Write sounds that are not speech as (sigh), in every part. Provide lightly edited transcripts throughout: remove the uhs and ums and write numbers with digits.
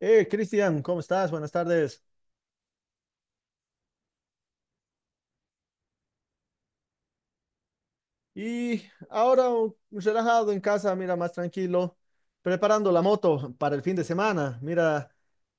Cristian, ¿cómo estás? Buenas tardes. Y ahora relajado en casa, mira, más tranquilo, preparando la moto para el fin de semana. Mira,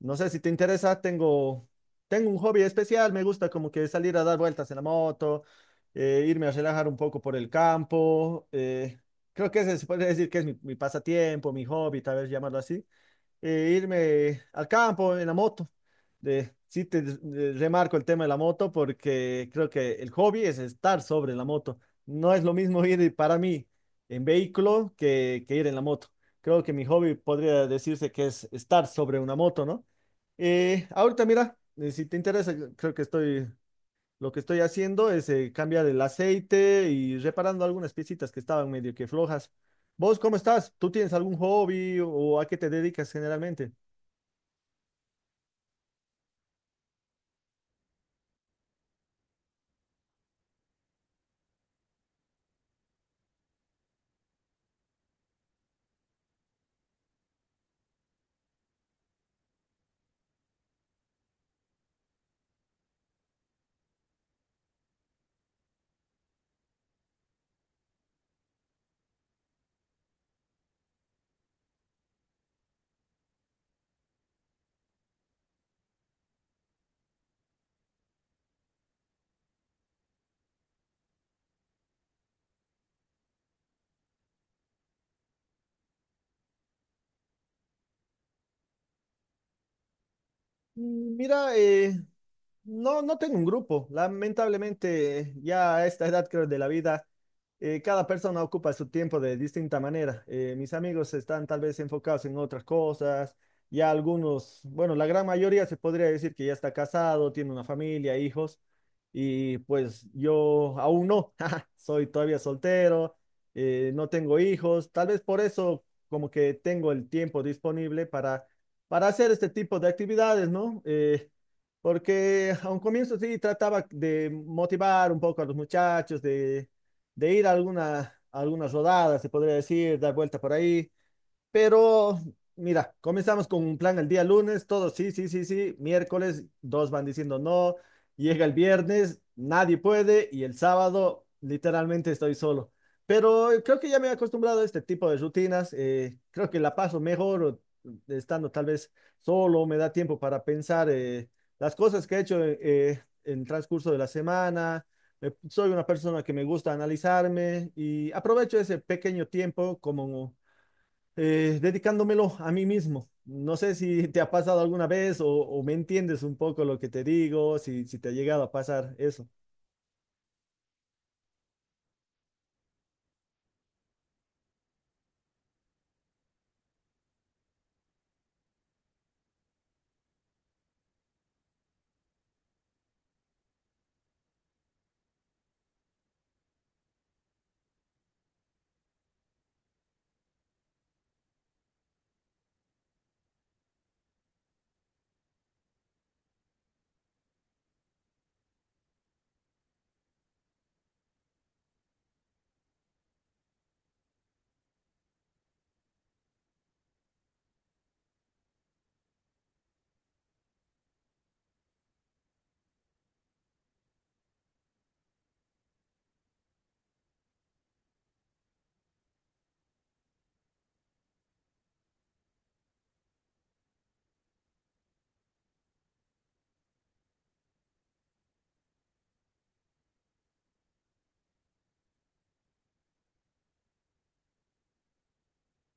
no sé si te interesa, tengo un hobby especial, me gusta como que salir a dar vueltas en la moto, irme a relajar un poco por el campo. Creo que ese se puede decir que es mi pasatiempo, mi hobby, tal vez llamarlo así. Irme al campo en la moto. Sí, te remarco el tema de la moto porque creo que el hobby es estar sobre la moto. No es lo mismo ir para mí en vehículo que ir en la moto. Creo que mi hobby podría decirse que es estar sobre una moto, ¿no? Ahorita, mira, si te interesa, lo que estoy haciendo es cambiar el aceite y reparando algunas piecitas que estaban medio que flojas. ¿Vos cómo estás? ¿Tú tienes algún hobby o a qué te dedicas generalmente? Mira, no, no tengo un grupo. Lamentablemente, ya a esta edad creo de la vida, cada persona ocupa su tiempo de distinta manera. Mis amigos están tal vez enfocados en otras cosas. Ya algunos, bueno, la gran mayoría se podría decir que ya está casado, tiene una familia, hijos. Y pues yo aún no, (laughs) soy todavía soltero, no tengo hijos. Tal vez por eso como que tengo el tiempo disponible para hacer este tipo de actividades, ¿no? Porque a un comienzo sí trataba de motivar un poco a los muchachos, de ir a a algunas rodadas, se podría decir, dar vuelta por ahí. Pero mira, comenzamos con un plan el día lunes, todos sí, sí, sí, sí. Miércoles, dos van diciendo no. Llega el viernes, nadie puede. Y el sábado, literalmente estoy solo. Pero creo que ya me he acostumbrado a este tipo de rutinas. Creo que la paso mejor o, estando tal vez solo. Me da tiempo para pensar las cosas que he hecho en el transcurso de la semana. Soy una persona que me gusta analizarme y aprovecho ese pequeño tiempo como dedicándomelo a mí mismo. No sé si te ha pasado alguna vez o me entiendes un poco lo que te digo, si te ha llegado a pasar eso.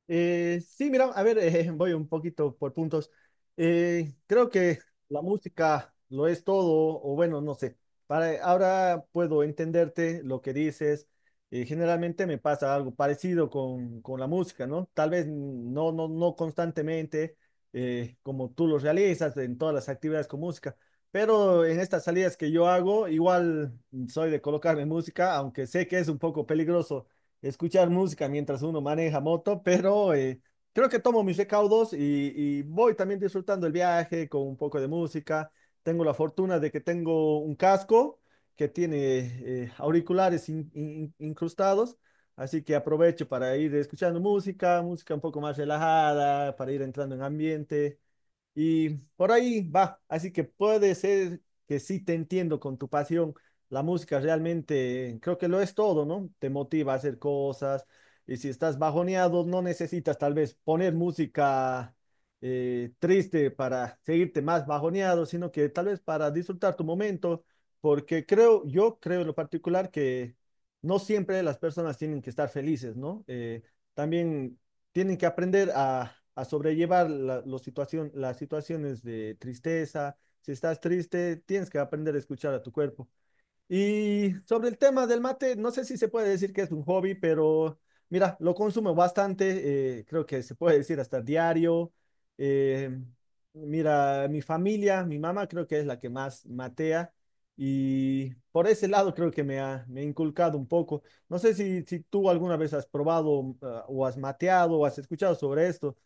Sí, mira, a ver, (laughs) voy un poquito por puntos. Creo que la música lo es todo, o bueno, no sé. Ahora puedo entenderte lo que dices. Generalmente me pasa algo parecido con la música, ¿no? Tal vez no, no, no constantemente, como tú lo realizas en todas las actividades con música, pero en estas salidas que yo hago, igual soy de colocarme música, aunque sé que es un poco peligroso escuchar música mientras uno maneja moto, pero creo que tomo mis recaudos y voy también disfrutando el viaje con un poco de música. Tengo la fortuna de que tengo un casco que tiene auriculares incrustados, así que aprovecho para ir escuchando música, música un poco más relajada, para ir entrando en ambiente. Y por ahí va, así que puede ser que sí te entiendo con tu pasión. La música realmente creo que lo es todo, ¿no? Te motiva a hacer cosas y si estás bajoneado no necesitas tal vez poner música triste para seguirte más bajoneado, sino que tal vez para disfrutar tu momento, porque creo, yo creo en lo particular que no siempre las personas tienen que estar felices, ¿no? También tienen que aprender a sobrellevar las situaciones de tristeza. Si estás triste, tienes que aprender a escuchar a tu cuerpo. Y sobre el tema del mate, no sé si se puede decir que es un hobby, pero mira, lo consumo bastante, creo que se puede decir hasta diario. eh, Mira, mi familia, mi mamá creo que es la que más matea y por ese lado creo que me ha inculcado un poco. No sé si tú alguna vez has probado, o has mateado o has escuchado sobre esto.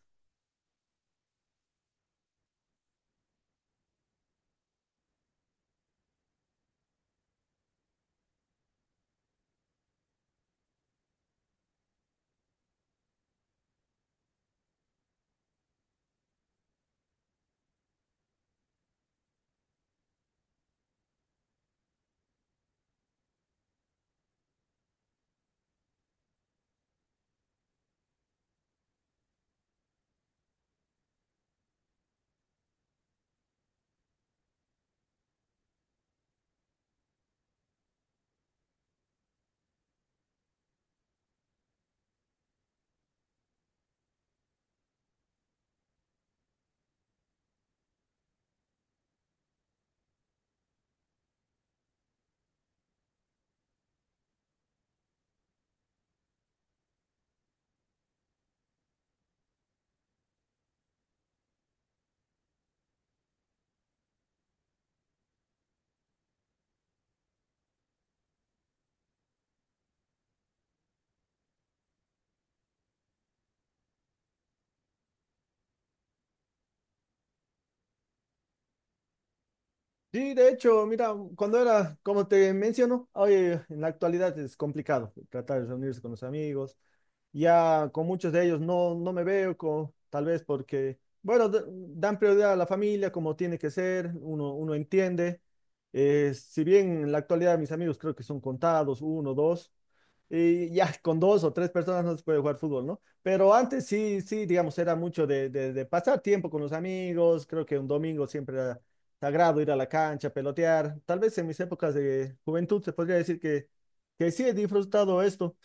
Sí, de hecho, mira, cuando era, como te menciono, hoy en la actualidad es complicado tratar de reunirse con los amigos. Ya con muchos de ellos no, no me veo, tal vez porque, bueno, dan prioridad a la familia como tiene que ser, uno entiende. Si bien en la actualidad mis amigos creo que son contados, uno, dos. Y ya (laughs) con dos o tres personas no se puede jugar fútbol, ¿no? Pero antes sí, sí, digamos, era mucho de, de pasar tiempo con los amigos. Creo que un domingo siempre era sagrado ir a la cancha, pelotear. Tal vez en mis épocas de juventud se podría decir que sí he disfrutado esto.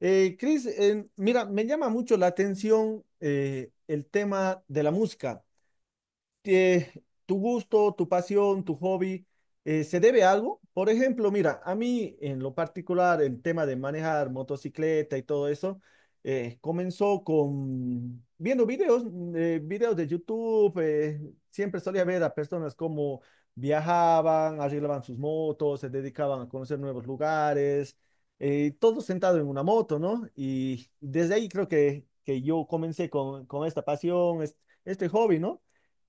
Cris, mira, me llama mucho la atención el tema de la música eh, tu gusto, tu pasión, tu hobby, ¿se debe a algo? Por ejemplo, mira, a mí en lo particular el tema de manejar motocicleta y todo eso comenzó con viendo videos, videos de YouTube, siempre solía ver a personas como viajaban, arreglaban sus motos, se dedicaban a conocer nuevos lugares, todo sentado en una moto, ¿no? Y desde ahí creo que yo comencé con esta pasión, este hobby, ¿no?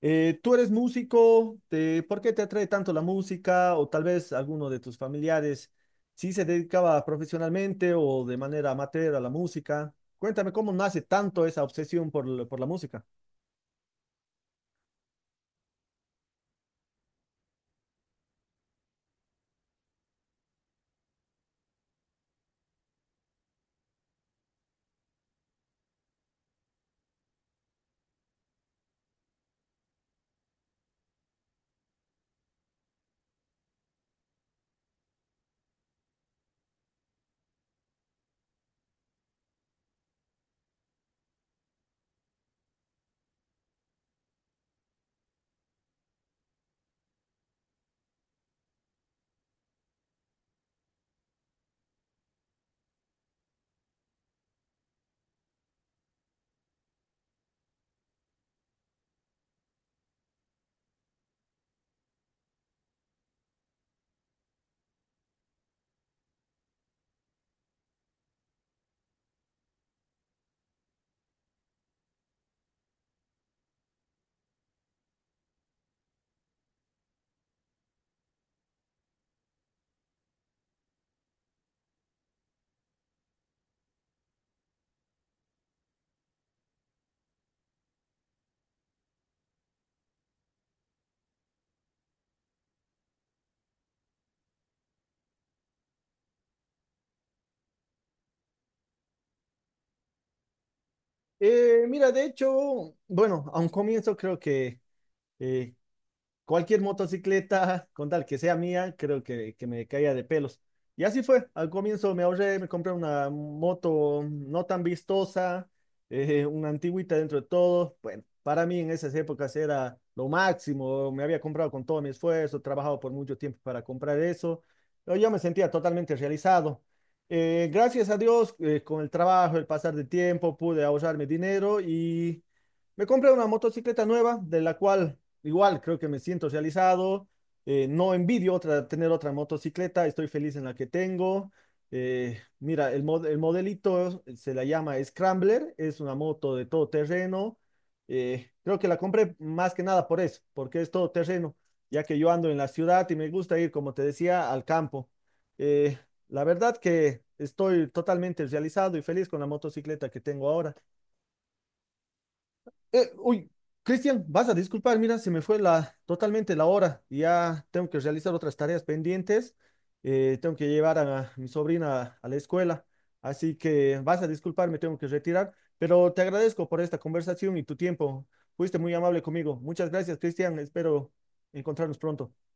¿Tú eres músico? ¿Por qué te atrae tanto la música? O tal vez alguno de tus familiares sí se dedicaba profesionalmente o de manera amateur a la música. Cuéntame cómo nace tanto esa obsesión por la música. Mira, de hecho, bueno, a un comienzo creo que eh, cualquier motocicleta, con tal que sea mía, creo que me caía de pelos. Y así fue, al comienzo me ahorré, me compré una moto no tan vistosa, una antigüita dentro de todo. Bueno, para mí en esas épocas era lo máximo, me había comprado con todo mi esfuerzo, trabajado por mucho tiempo para comprar eso, pero yo me sentía totalmente realizado. Gracias a Dios, con el trabajo, el pasar del tiempo, pude ahorrarme dinero y me compré una motocicleta nueva, de la cual igual creo que me siento realizado, no envidio otra, tener otra motocicleta, estoy feliz en la que tengo. Mira, el modelito se la llama Scrambler, es una moto de todo terreno. Creo que la compré más que nada por eso, porque es todo terreno, ya que yo ando en la ciudad y me gusta ir, como te decía, al campo. Eh, la verdad que estoy totalmente realizado y feliz con la motocicleta que tengo ahora. Uy, Cristian, vas a disculpar, mira, se me fue totalmente la hora. Ya tengo que realizar otras tareas pendientes. Tengo que llevar a mi sobrina a la escuela. Así que vas a disculpar, me tengo que retirar. Pero te agradezco por esta conversación y tu tiempo. Fuiste muy amable conmigo. Muchas gracias, Cristian. Espero encontrarnos pronto.